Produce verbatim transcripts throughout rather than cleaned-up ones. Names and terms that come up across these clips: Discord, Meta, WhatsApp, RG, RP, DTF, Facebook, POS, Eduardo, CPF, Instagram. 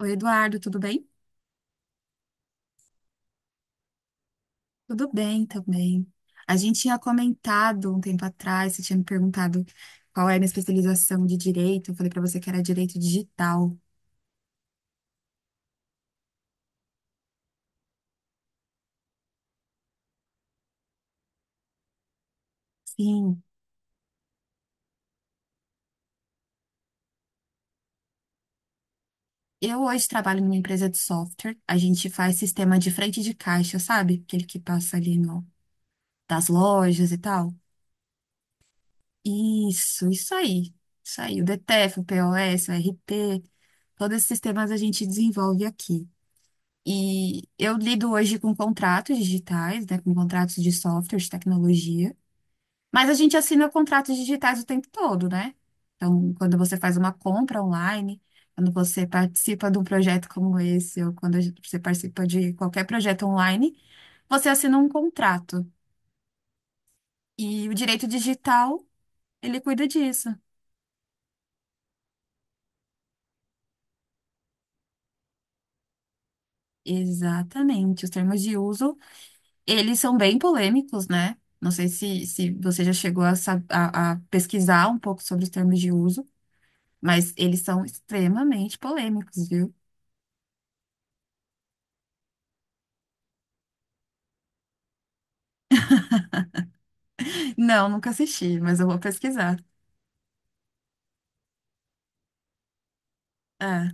Oi, Eduardo, tudo bem? Tudo bem também. A gente tinha comentado um tempo atrás, você tinha me perguntado qual é a minha especialização de direito. Eu falei para você que era direito digital. Sim, eu hoje trabalho numa empresa de software. A gente faz sistema de frente de caixa, sabe? Aquele que passa ali no, das lojas e tal. Isso, isso aí. Isso aí. O D T F, o P O S, o R P, todos esses sistemas a gente desenvolve aqui. E eu lido hoje com contratos digitais, né, com contratos de software, de tecnologia, mas a gente assina contratos digitais o tempo todo, né? Então, quando você faz uma compra online, quando você participa de um projeto como esse, ou quando a gente- você participa de qualquer projeto online, você assina um contrato. E o direito digital, ele cuida disso. Exatamente, os termos de uso. Eles são bem polêmicos, né? Não sei se, se você já chegou a, sa- a- a pesquisar um pouco sobre os termos de uso, mas eles são extremamente polêmicos, viu? Não, nunca assisti, mas eu vou pesquisar. Ah,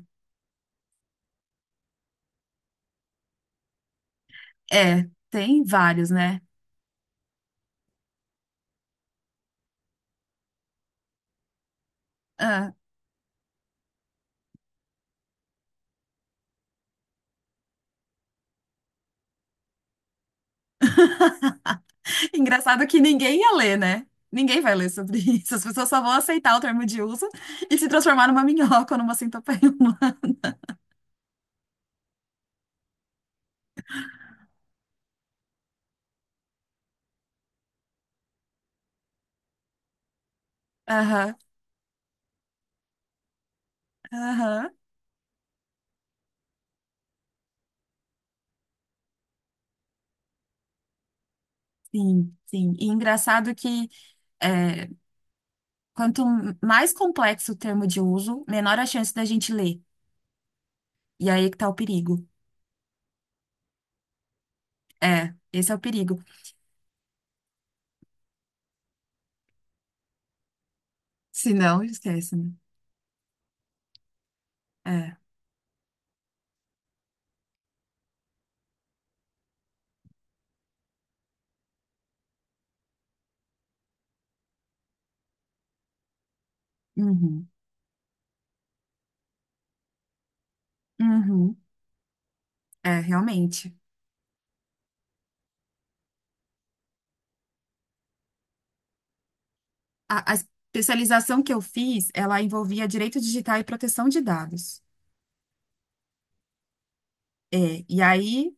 é, tem vários, né? Ah, engraçado que ninguém ia ler, né? Ninguém vai ler sobre isso. As pessoas só vão aceitar o termo de uso e se transformar numa minhoca ou numa centopeia humana. Aham, aham. Sim, sim. E engraçado que. é, Quanto mais complexo o termo de uso, menor a chance da gente ler. E aí é que tá o perigo. É, esse é o perigo. Se não, esquece, né? É. Uhum. Uhum. É, realmente. A, a especialização que eu fiz, ela envolvia direito digital e proteção de dados. É, e aí,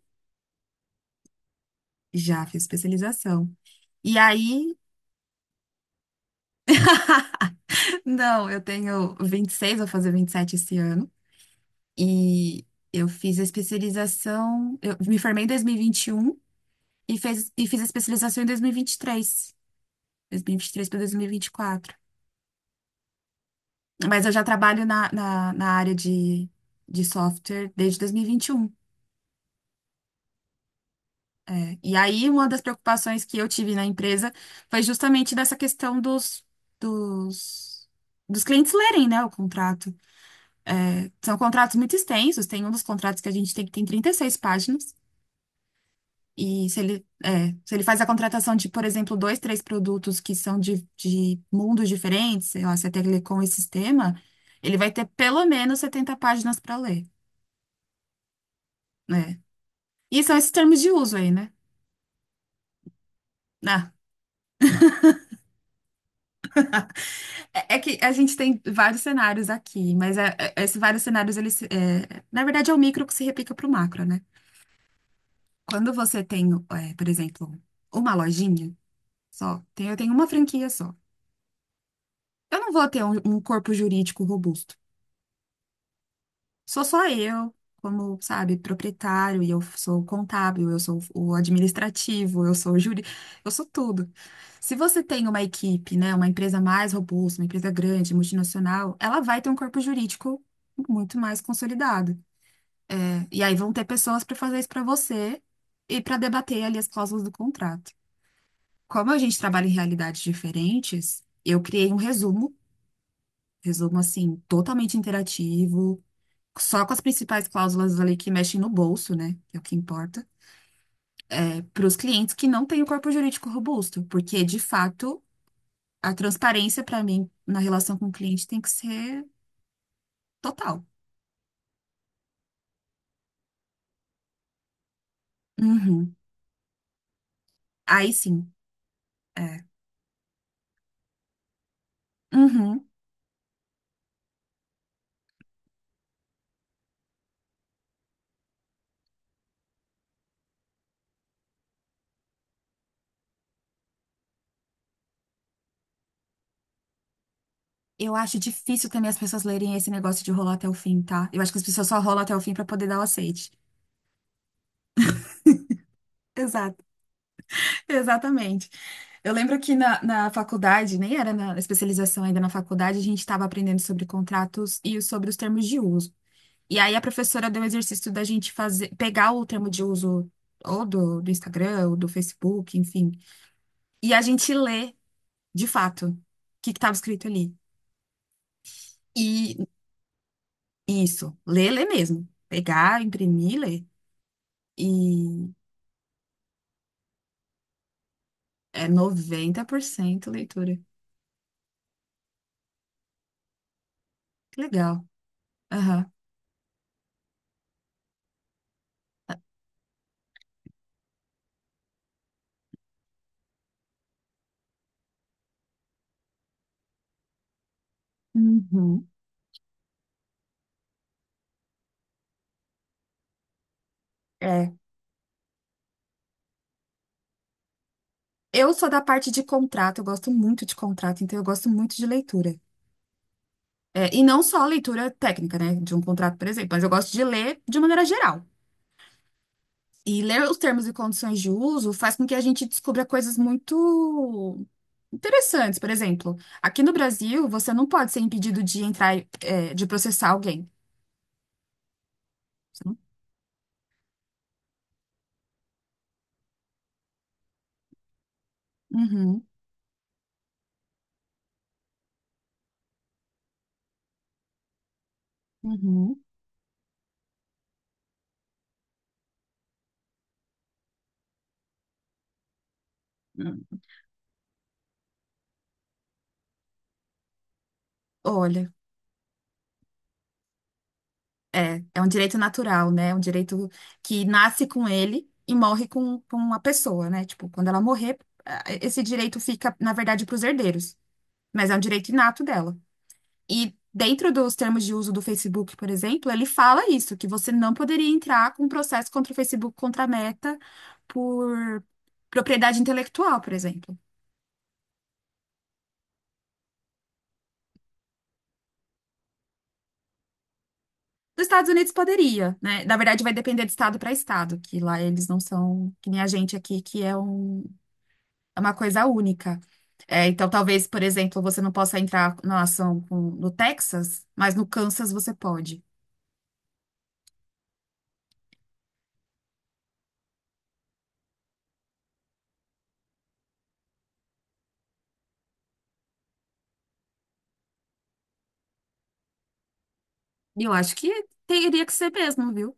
já fiz especialização. E aí, não, eu tenho vinte e seis, vou fazer vinte e sete esse ano. E eu fiz a especialização, eu me formei em dois mil e e vinte e um. E, fez, e fiz a especialização em dois mil e vinte e três, dois mil e vinte e três para dois mil e vinte e quatro. Mas eu já trabalho na, na, na área de, de software desde dois mil e vinte e um. É. E aí, uma das preocupações que eu tive na empresa foi justamente dessa questão dos, dos, dos clientes lerem, né, o contrato. É, são contratos muito extensos, tem um dos contratos que a gente tem que tem trinta e seis páginas. E se ele, é, se ele faz a contratação de, por exemplo, dois, três produtos que são de, de mundos diferentes, sei lá, se é telecom e sistema, ele vai ter pelo menos setenta páginas para ler, né? E são esses termos de uso aí, né? Ah, é, é que a gente tem vários cenários aqui, mas é, é- esses vários cenários, eles, se- é, na verdade, é o micro que se replica para o macro, né? Quando você tem, é, por exemplo, uma lojinha só, tem, eu tenho uma franquia só. Eu não vou ter um um corpo jurídico robusto. Sou só eu, como, sabe, proprietário, e eu sou o contábil, eu sou o administrativo, eu sou o júri, eu sou tudo. Se você tem uma equipe, né, uma empresa mais robusta, uma empresa grande, multinacional, ela vai ter um corpo jurídico muito mais consolidado. É, e aí vão ter pessoas para fazer isso para você e para debater ali as cláusulas do contrato. Como a gente trabalha em realidades diferentes, eu criei um resumo, resumo assim, totalmente interativo só com as principais cláusulas ali que mexem no bolso, né? Que é o que importa. É para os clientes que não têm o corpo jurídico robusto, porque de fato a transparência para mim na relação com o cliente tem que ser total. Uhum. Aí sim. É. Uhum. Eu acho difícil também as pessoas lerem esse negócio de rolar até o fim, tá? Eu acho que as pessoas só rolam até o fim para poder dar o aceite. Exato. Exatamente. Eu lembro que na, na faculdade, nem era na especialização ainda na faculdade, a gente estava aprendendo sobre contratos e sobre os termos de uso. E aí a professora deu o exercício da gente fazer, pegar o termo de uso ou do, do Instagram, ou do Facebook, enfim, e a gente lê de fato o que estava escrito ali. E isso, ler, ler mesmo. Pegar, imprimir, ler. E é noventa por cento leitura. Que legal. Aham. Uhum. É. Eu sou da parte de contrato, eu gosto muito de contrato, então eu gosto muito de leitura. É, e não só a leitura técnica, né, de um contrato, por exemplo, mas eu gosto de ler de maneira geral. E ler os termos e condições de uso faz com que a gente descubra coisas muito interessantes. Por exemplo, aqui no Brasil, você não pode ser impedido de entrar, é, de processar alguém. Você não- Uhum, uhum. Hum. Olha, é, é um direito natural, né? É um direito que nasce com ele e morre com, com uma pessoa, né? Tipo, quando ela morrer, eh, esse direito fica, na verdade, para os herdeiros, mas é um direito inato dela. E dentro dos termos de uso do Facebook, por exemplo, ele fala isso, que você não poderia entrar com um processo contra o Facebook, contra a Meta, por propriedade intelectual, por exemplo. Nos Estados Unidos poderia, né? Na verdade, vai depender de estado para estado, que lá eles não são que nem a gente aqui, que é um, é uma coisa única. É, então, talvez, por exemplo, você não possa entrar na ação com- no Texas, mas no Kansas você pode. E eu acho que teria que ser mesmo, viu?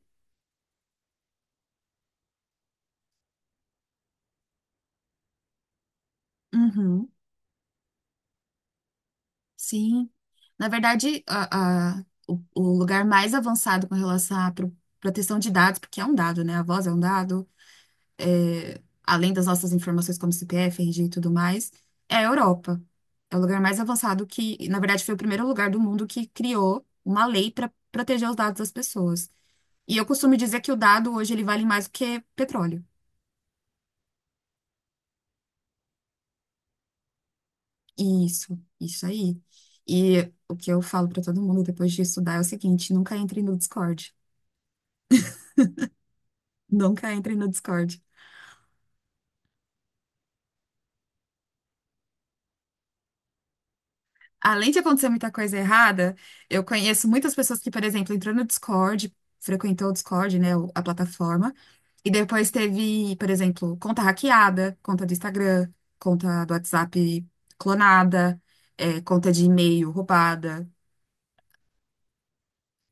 Uhum. Sim. Na verdade, a, a- o, o lugar mais avançado com relação à pro- proteção de dados, porque é um dado, né? A voz é um dado, é, além das nossas informações como C P F, R G e tudo mais, é a Europa. É o lugar mais avançado que, na verdade, foi o primeiro lugar do mundo que criou uma lei para proteger os dados das pessoas. E eu costumo dizer que o dado hoje ele vale mais do que petróleo. Isso, isso aí. E o que eu falo para todo mundo depois de estudar é o seguinte: nunca entre no Discord. Nunca entre no Discord. Além de acontecer muita coisa errada, eu conheço muitas pessoas que, por exemplo, entrou no Discord, frequentou o Discord, né, o- a plataforma, e depois teve, por exemplo, conta hackeada, conta do Instagram, conta do WhatsApp clonada, é, conta de e-mail roubada.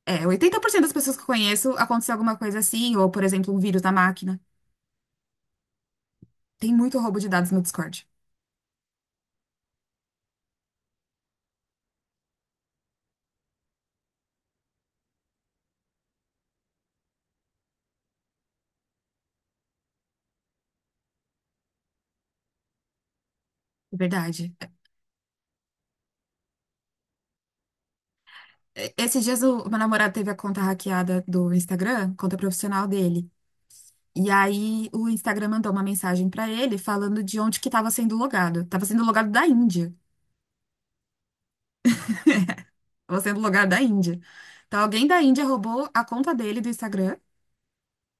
É, oitenta por cento das pessoas que eu conheço aconteceu alguma coisa assim, ou, por exemplo, um vírus na máquina. Tem muito roubo de dados no Discord. Verdade. E- Esses dias o meu namorado teve a conta hackeada do Instagram, conta profissional dele. E aí o Instagram mandou uma mensagem pra ele falando de onde que estava sendo logado. Tava sendo logado da Índia. Tava sendo logado da Índia. Então alguém da Índia roubou a conta dele do Instagram.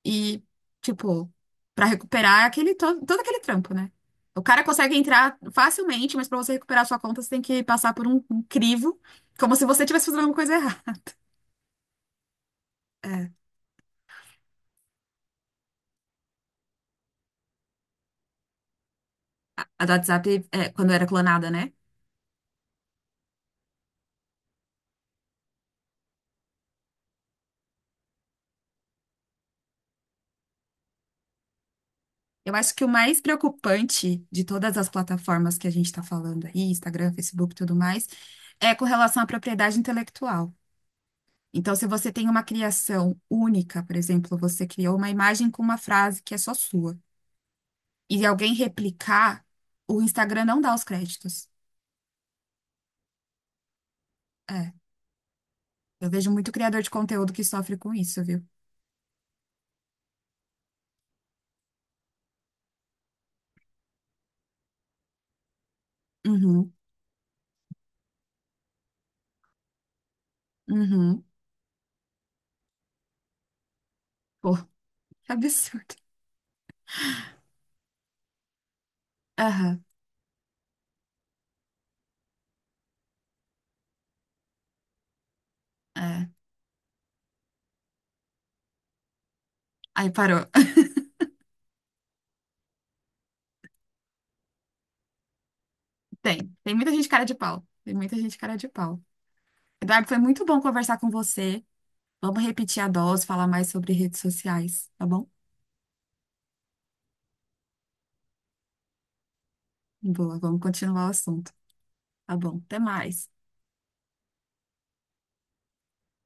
E, tipo, pra recuperar aquele, todo, todo aquele trampo, né? O cara consegue entrar facilmente, mas pra você recuperar a sua conta, você tem que passar por um, um crivo, como se você estivesse fazendo alguma coisa errada. É, a do WhatsApp, é, quando era clonada, né? Eu acho que o mais preocupante de todas as plataformas que a gente está falando aí, Instagram, Facebook e tudo mais, é com relação à propriedade intelectual. Então, se você tem uma criação única, por exemplo, você criou uma imagem com uma frase que é só sua, e alguém replicar, o Instagram não dá os créditos. É, eu vejo muito criador de conteúdo que sofre com isso, viu? Uhum, uhum. Pô, que absurdo. Aham, é. Aí parou. Tem, tem muita gente cara de pau. Tem muita gente cara de pau. Eduardo, foi muito bom conversar com você. Vamos repetir a dose, falar mais sobre redes sociais, tá bom? Boa, vamos continuar o assunto. Tá bom, até mais.